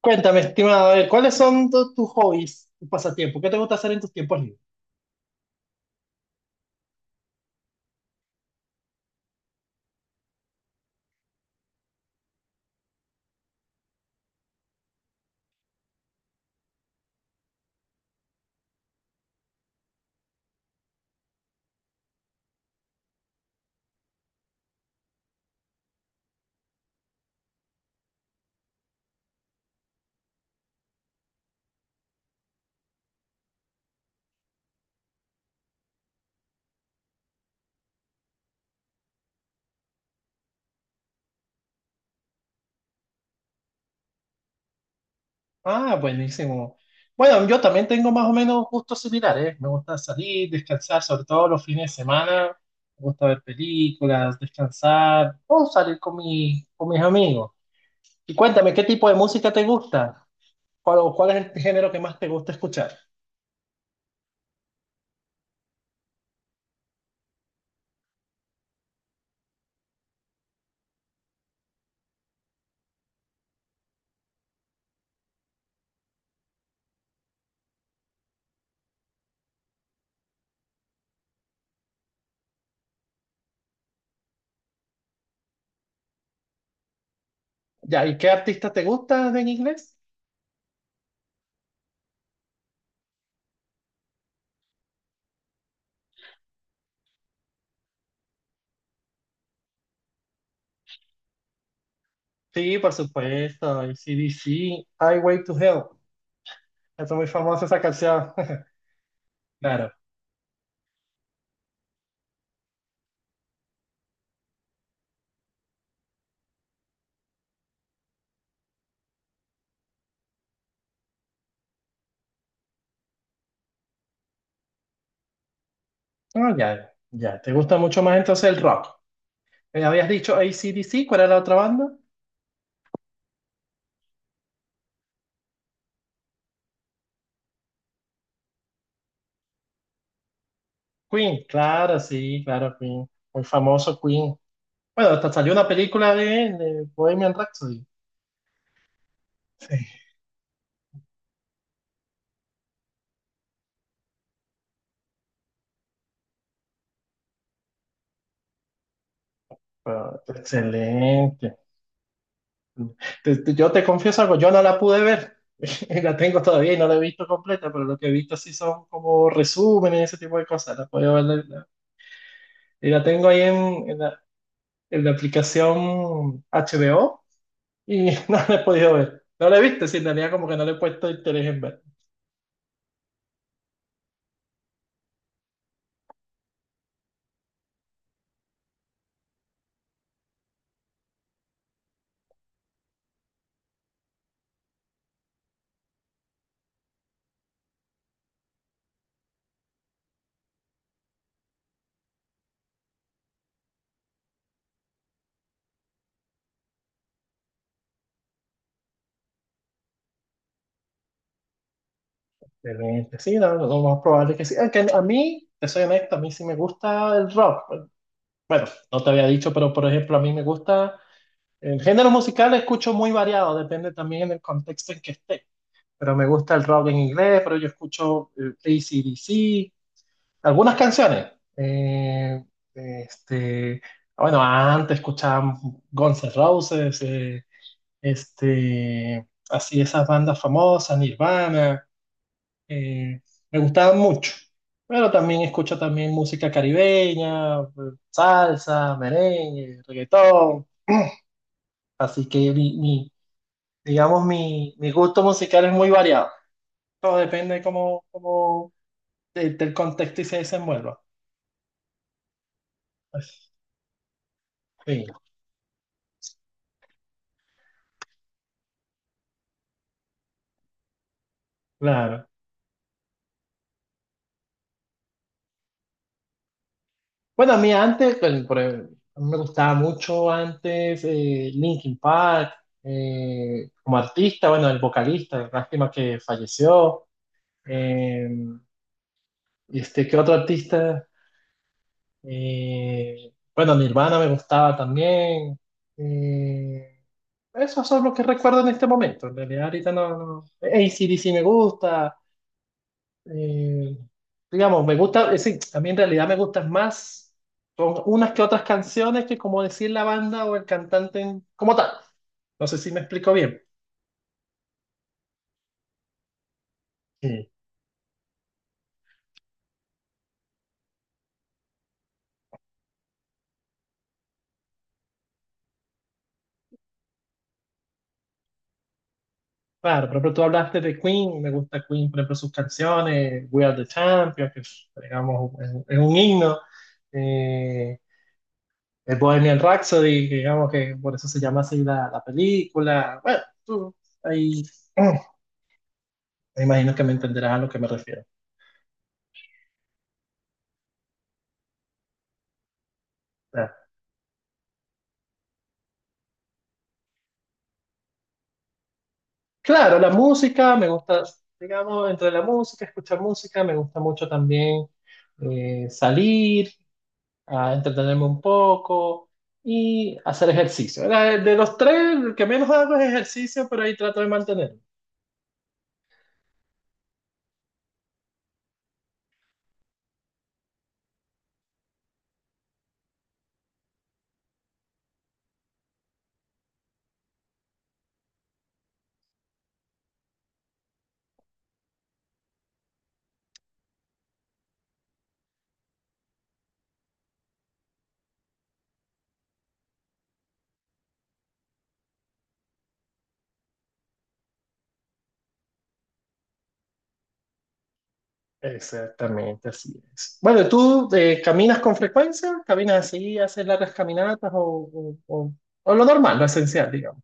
Cuéntame, estimado, a ver, ¿cuáles son tus hobbies, tus pasatiempos? ¿Qué te gusta hacer en tus tiempos libres? Ah, buenísimo. Bueno, yo también tengo más o menos gustos similares, ¿eh? Me gusta salir, descansar, sobre todo los fines de semana. Me gusta ver películas, descansar o salir con mis amigos. Y cuéntame, ¿qué tipo de música te gusta? ¿Cuál, o cuál es el género que más te gusta escuchar? Ya, ¿y qué artista te gusta en inglés? Sí, por supuesto, AC/DC, Highway to Hell. Esa es muy famosa esa canción. Claro. No, ya, ya. ¿Te gusta mucho más entonces el rock? Habías dicho AC/DC, ¿cuál era la otra banda? Queen, claro, sí, claro, Queen. Muy famoso Queen. Bueno, hasta salió una película de Bohemian Rhapsody. Sí. Pero, excelente. Yo te confieso algo, yo no la pude ver. La tengo todavía y no la he visto completa, pero lo que he visto sí son como resúmenes y ese tipo de cosas. La puedo ver, y la tengo ahí en la aplicación HBO. Y no la he podido ver. No la he visto, sí, en realidad como que no le he puesto interés en ver. Excelente. Sí, no, no, lo más probable es que sí. Aunque a mí, te soy honesto, a mí sí me gusta el rock. Bueno, no te había dicho, pero por ejemplo, a mí me gusta el género musical, escucho muy variado, depende también en el contexto en que esté. Pero me gusta el rock en inglés, pero yo escucho AC/DC, algunas canciones. Eh, este, bueno, antes escuchaba Guns N' Roses, así esas bandas famosas, Nirvana, eh, me gustaban mucho. Pero también escucho también música caribeña, salsa, merengue, reggaetón. Así que digamos, mi gusto musical es muy variado. Todo depende de cómo del contexto y se desenvuelva. Pues, sí, claro. Bueno, a mí antes, pues, por ejemplo, a mí me gustaba mucho antes Linkin Park, como artista, bueno, el vocalista, lástima que falleció. eh, ¿Qué otro artista? Bueno, Nirvana me gustaba también. eh, Esos son los que recuerdo en este momento. En realidad, ahorita no, no. AC/DC me gusta, eh, digamos, me gusta, es decir, a mí en realidad me gustan más, son unas que otras canciones que como decir la banda o el cantante como tal. No sé si me explico bien. Sí. Claro, por ejemplo, tú hablaste de Queen, me gusta Queen, por ejemplo, sus canciones, We Are the Champions, que es, digamos, es un himno, eh, el Bohemian Rhapsody, que digamos que por eso se llama así la, la película. Bueno, tú ahí me imagino que me entenderás a lo que me refiero. Claro, la música, me gusta, digamos, entre la música, escuchar música, me gusta mucho también salir, a entretenerme un poco y hacer ejercicio. De los tres, el que menos hago es ejercicio, pero ahí trato de mantenerlo. Exactamente, así es. Bueno, ¿tú caminas con frecuencia? ¿Caminas así, haces largas caminatas o, o lo normal, lo esencial, digamos?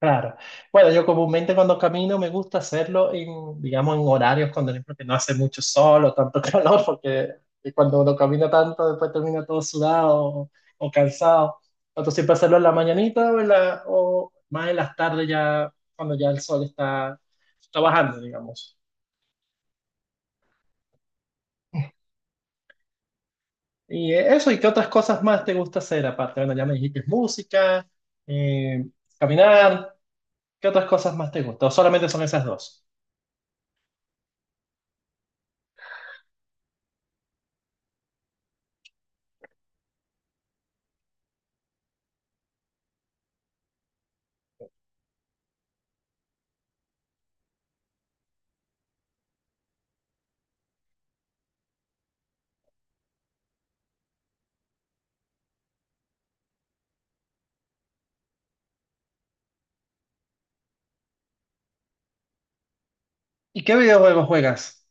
Claro. Bueno, yo comúnmente cuando camino me gusta hacerlo en, digamos, en horarios cuando por ejemplo, que no hace mucho sol o tanto calor, porque cuando uno camina tanto después termina todo sudado o cansado. Entonces siempre hacerlo en la mañanita o, o más en las tardes ya cuando ya el sol está, está bajando, digamos. Y eso, ¿y qué otras cosas más te gusta hacer aparte? Bueno, ya me dijiste música, eh, caminar, ¿qué otras cosas más te gusta? ¿O solamente son esas dos? ¿Y qué videojuegos juegas?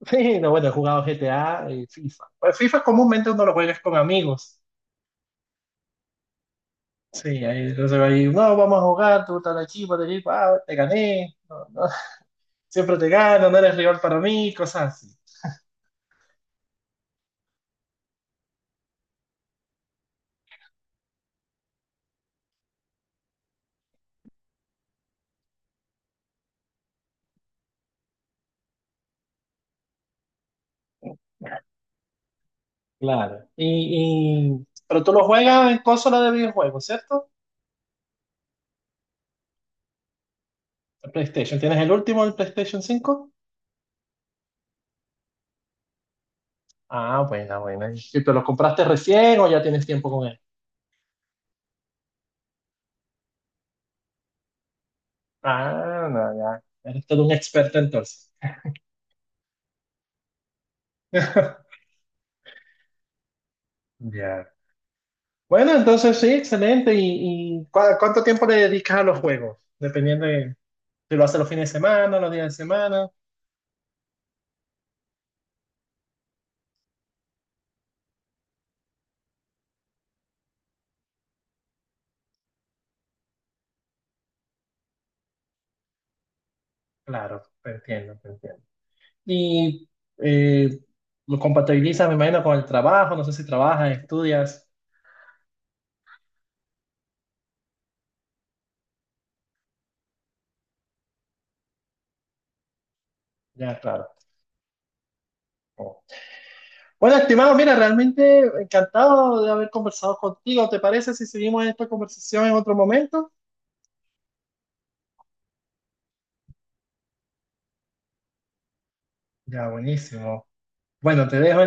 Sí, no, bueno, he jugado GTA y FIFA. Pues FIFA comúnmente uno lo juega con amigos. Sí, ahí, entonces ahí, no, vamos a jugar, tú estás aquí, para allí, pa, te gané, no, no, siempre te gano, no eres rival para mí, cosas así. Claro. Pero tú lo juegas en consola de videojuegos, ¿cierto? El PlayStation. ¿Tienes el último, el PlayStation 5? Ah, buena, buena. ¿Y tú lo compraste recién o ya tienes tiempo con él? Ah, no, ya. Eres todo un experto entonces. Ya. Bueno, entonces sí, excelente. ¿Y, cuánto tiempo le dedicas a los juegos? Dependiendo de si lo haces los fines de semana, los días de semana. Claro, te entiendo, te entiendo. Y eh, lo compatibilizas, me imagino, con el trabajo. No sé si trabajas, estudias. Ya, claro. Oh. Bueno, estimado, mira, realmente encantado de haber conversado contigo. ¿Te parece si seguimos esta conversación en otro momento? Ya, buenísimo. Bueno, te dejo